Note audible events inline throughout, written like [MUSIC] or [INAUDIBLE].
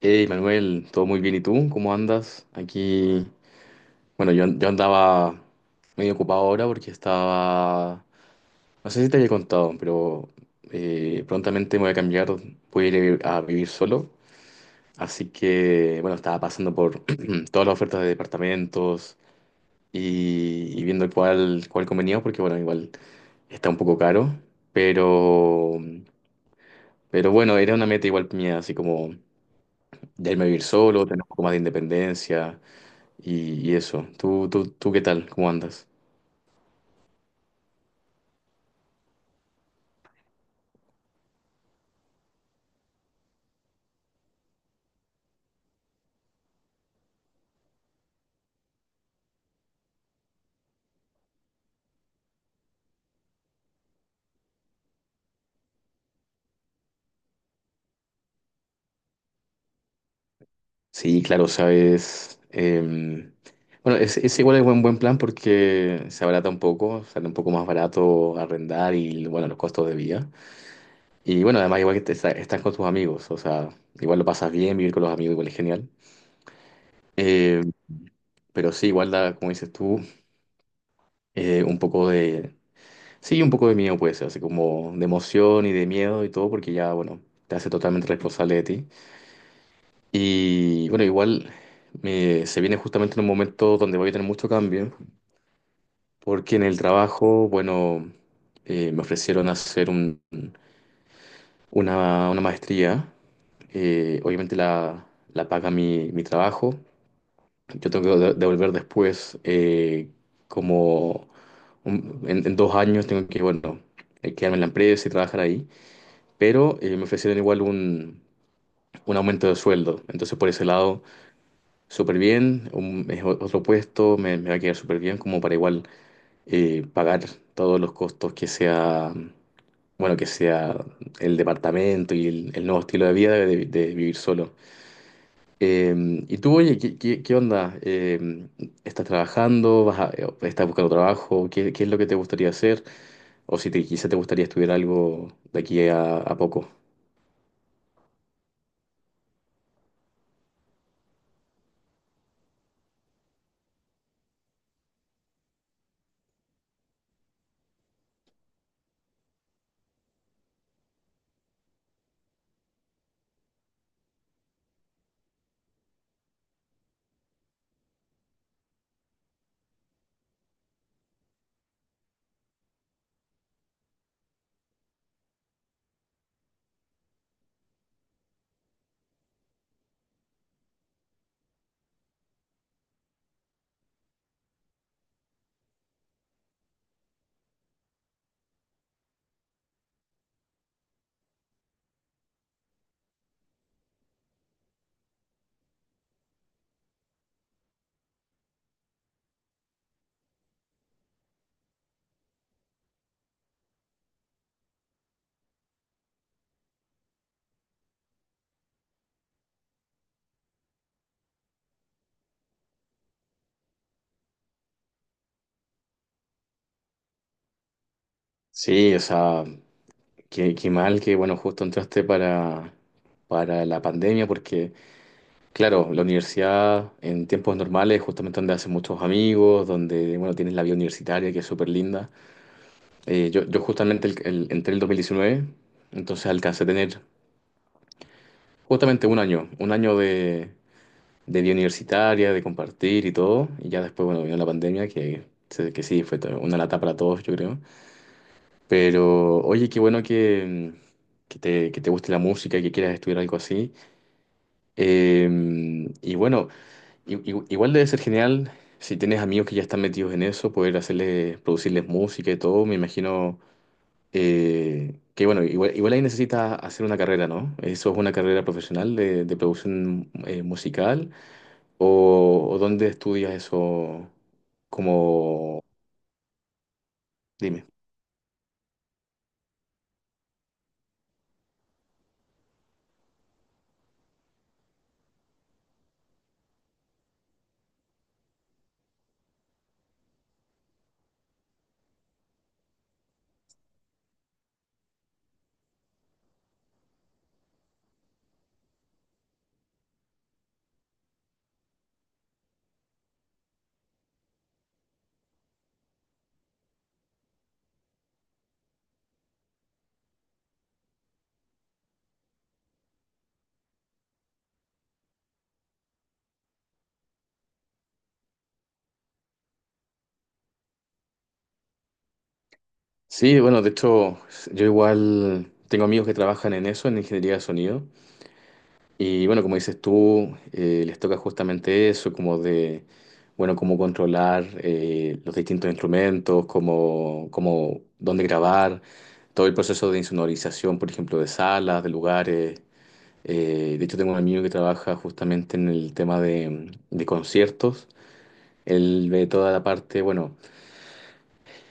Hey Manuel, todo muy bien. ¿Y tú? ¿Cómo andas? Aquí, bueno, yo andaba medio ocupado ahora porque estaba, no sé si te había contado, pero prontamente me voy a cambiar, voy a ir a vivir solo. Así que, bueno, estaba pasando por [CLEARS THROAT] todas las ofertas de departamentos y viendo cuál convenía, porque, bueno, igual está un poco caro, pero, pero bueno, era una meta igual mía, así como de irme a vivir solo, tener un poco más de independencia y eso. ¿Tú qué tal? ¿Cómo andas? Sí, claro, sabes. Bueno, es igual es buen plan porque se abarata un poco, sale un poco más barato arrendar y bueno, los costos de vida. Y bueno, además igual que estás con tus amigos, o sea, igual lo pasas bien, vivir con los amigos igual es genial. Eh, pero sí, igual da, como dices tú, eh, un poco de, sí, un poco de miedo puede ser, así como de emoción y de miedo y todo, porque ya, bueno, te hace totalmente responsable de ti. Y bueno, se viene justamente en un momento donde voy a tener mucho cambio, porque en el trabajo, bueno, me ofrecieron una maestría. Obviamente la paga mi trabajo. Yo tengo que devolver después como en dos años tengo que, bueno, quedarme en la empresa y trabajar ahí. Pero me ofrecieron igual un aumento de sueldo. Entonces, por ese lado, súper bien, otro puesto, me va a quedar súper bien como para igual pagar todos los costos que sea, bueno, que sea el departamento y el nuevo estilo de vida de vivir solo. Eh, y tú, oye, qué onda? ¿Estás trabajando? Estás buscando trabajo? Qué es lo que te gustaría hacer? O si te, quizá te gustaría estudiar algo de aquí a poco. Sí, o sea, qué mal que, bueno, justo entraste para la pandemia, porque, claro, la universidad en tiempos normales es justamente donde haces muchos amigos, donde, bueno, tienes la vida universitaria, que es súper linda. Yo justamente entré en el 2019, entonces alcancé a tener justamente un año de vida universitaria, de compartir y todo, y ya después, bueno, vino la pandemia, que, que sí, fue una lata para todos, yo creo. Pero, oye, qué bueno que que que te guste la música y que quieras estudiar algo así. Eh, y bueno, igual debe ser genial si tienes amigos que ya están metidos en eso, poder hacerles, producirles música y todo. Me imagino que, bueno, igual ahí necesitas hacer una carrera, ¿no? ¿Eso es una carrera profesional de producción musical? O dónde estudias eso? Como, dime. Sí, bueno, de hecho, yo igual tengo amigos que trabajan en eso, en ingeniería de sonido. Y bueno, como dices tú, les toca justamente eso, como de, bueno, cómo controlar los distintos instrumentos, dónde grabar, todo el proceso de insonorización, por ejemplo, de salas, de lugares. De hecho, tengo un amigo que trabaja justamente en el tema de conciertos. Él ve toda la parte, bueno,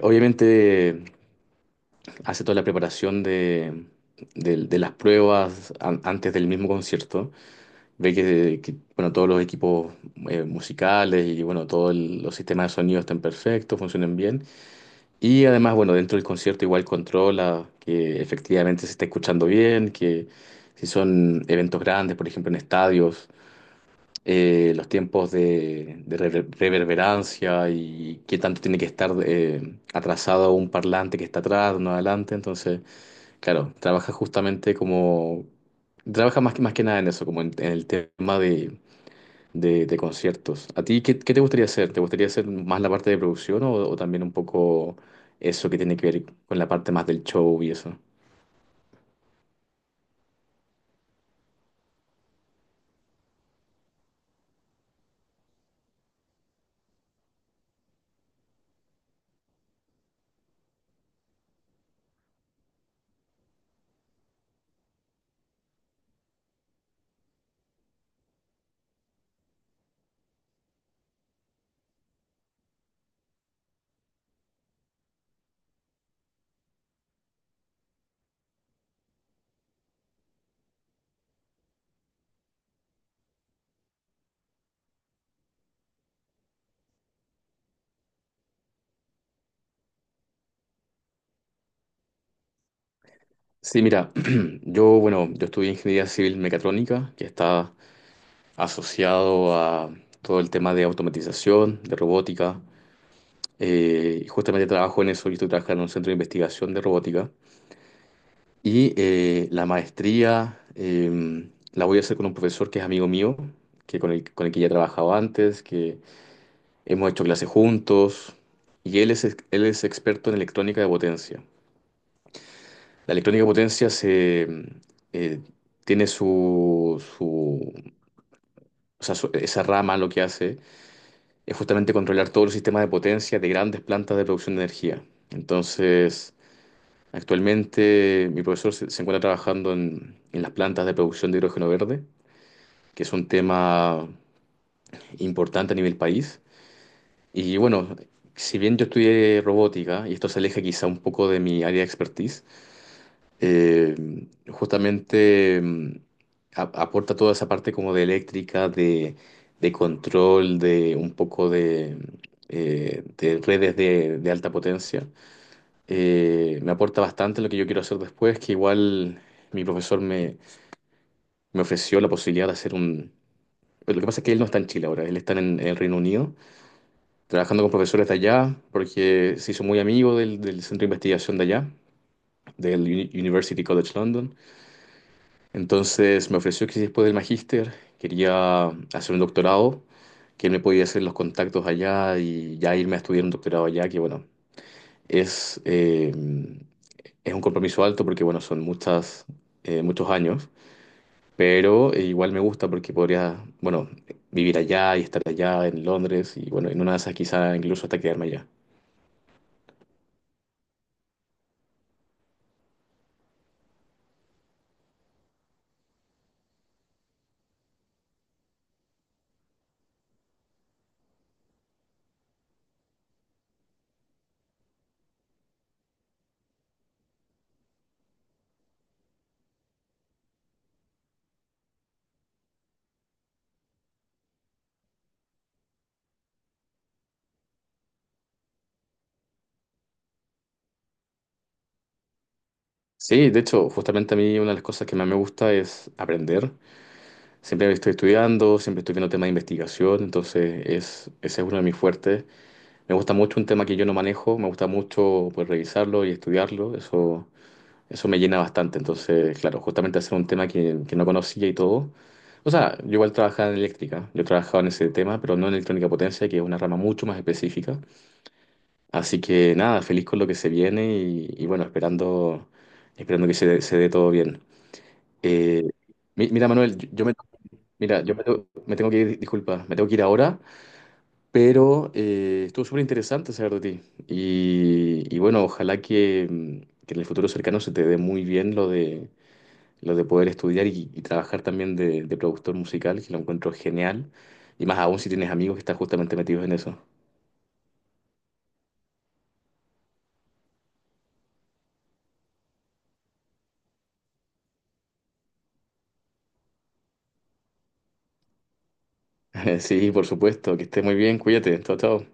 obviamente hace toda la preparación de las pruebas antes del mismo concierto. Ve bueno, todos los equipos musicales y bueno, los sistemas de sonido están perfectos, funcionan bien. Y además, bueno, dentro del concierto igual controla que efectivamente se está escuchando bien, que si son eventos grandes, por ejemplo, en estadios, los tiempos reverberancia y qué tanto tiene que estar atrasado un parlante que está atrás, uno adelante. Entonces, claro, trabaja justamente como trabaja más que nada en eso, como en el tema de de conciertos. ¿A ti qué, qué te gustaría hacer? ¿Te gustaría hacer más la parte de producción o también un poco eso que tiene que ver con la parte más del show y eso? Sí, mira, [CLEARS THROAT] yo, bueno, yo estudié ingeniería civil mecatrónica, que está asociado a todo el tema de automatización, de robótica, y justamente trabajo en eso, yo estoy trabajando en un centro de investigación de robótica, y la voy a hacer con un profesor que es amigo mío, que con el que ya trabajaba antes, que hemos hecho clases juntos y él es experto en electrónica de potencia. La electrónica de potencia se, eh, tiene su, su- o sea, su- esa rama, lo que hace es justamente controlar todos los sistemas de potencia de grandes plantas de producción de energía. Entonces, actualmente mi profesor se encuentra trabajando en las plantas de producción de hidrógeno verde, que es un tema importante a nivel país. Y bueno, si bien yo estudié robótica, y esto se aleja quizá un poco de mi área de expertise, eh, justamente mm, aporta toda esa parte como de eléctrica, de control, de redes de alta potencia. Me aporta bastante lo que yo quiero hacer después, que igual mi profesor me, me ofreció la posibilidad de hacer un... Lo que pasa es que él no está en Chile ahora, él está en el Reino Unido, trabajando con profesores de allá, porque se hizo muy amigo del centro de investigación de allá, del University College London. Entonces me ofreció que si después del magíster quería hacer un doctorado, que él me podía hacer los contactos allá y ya irme a estudiar un doctorado allá, que bueno, es, eh, es un compromiso alto porque bueno, son muchos años. Pero igual me gusta porque podría, bueno, vivir allá y estar allá en Londres y bueno, en una de esas quizá incluso hasta quedarme allá. Sí, de hecho, justamente a mí una de las cosas que más me gusta es aprender. Siempre estoy estudiando, siempre estoy viendo temas de investigación, entonces es, ese es uno de mis fuertes. Me gusta mucho un tema que yo no manejo, me gusta mucho pues, revisarlo y estudiarlo, eso me llena bastante. Entonces, claro, justamente hacer un tema que no conocía y todo. O sea, yo igual trabajaba en eléctrica, yo trabajaba en ese tema, pero no en electrónica potencia, que es una rama mucho más específica. Así que nada, feliz con lo que se viene y bueno, esperando, esperando que se dé todo bien. Eh, Mira, Manuel, mira, yo me tengo que ir, disculpa, me tengo que ir ahora, pero estuvo súper interesante saber de ti. Y bueno, ojalá que, que en el futuro cercano se te dé muy bien lo de poder estudiar y trabajar también de productor musical, que lo encuentro genial. Y más aún si tienes amigos que están justamente metidos en eso. [LAUGHS] Sí, por supuesto, que estés muy bien, cuídate, chao, chao.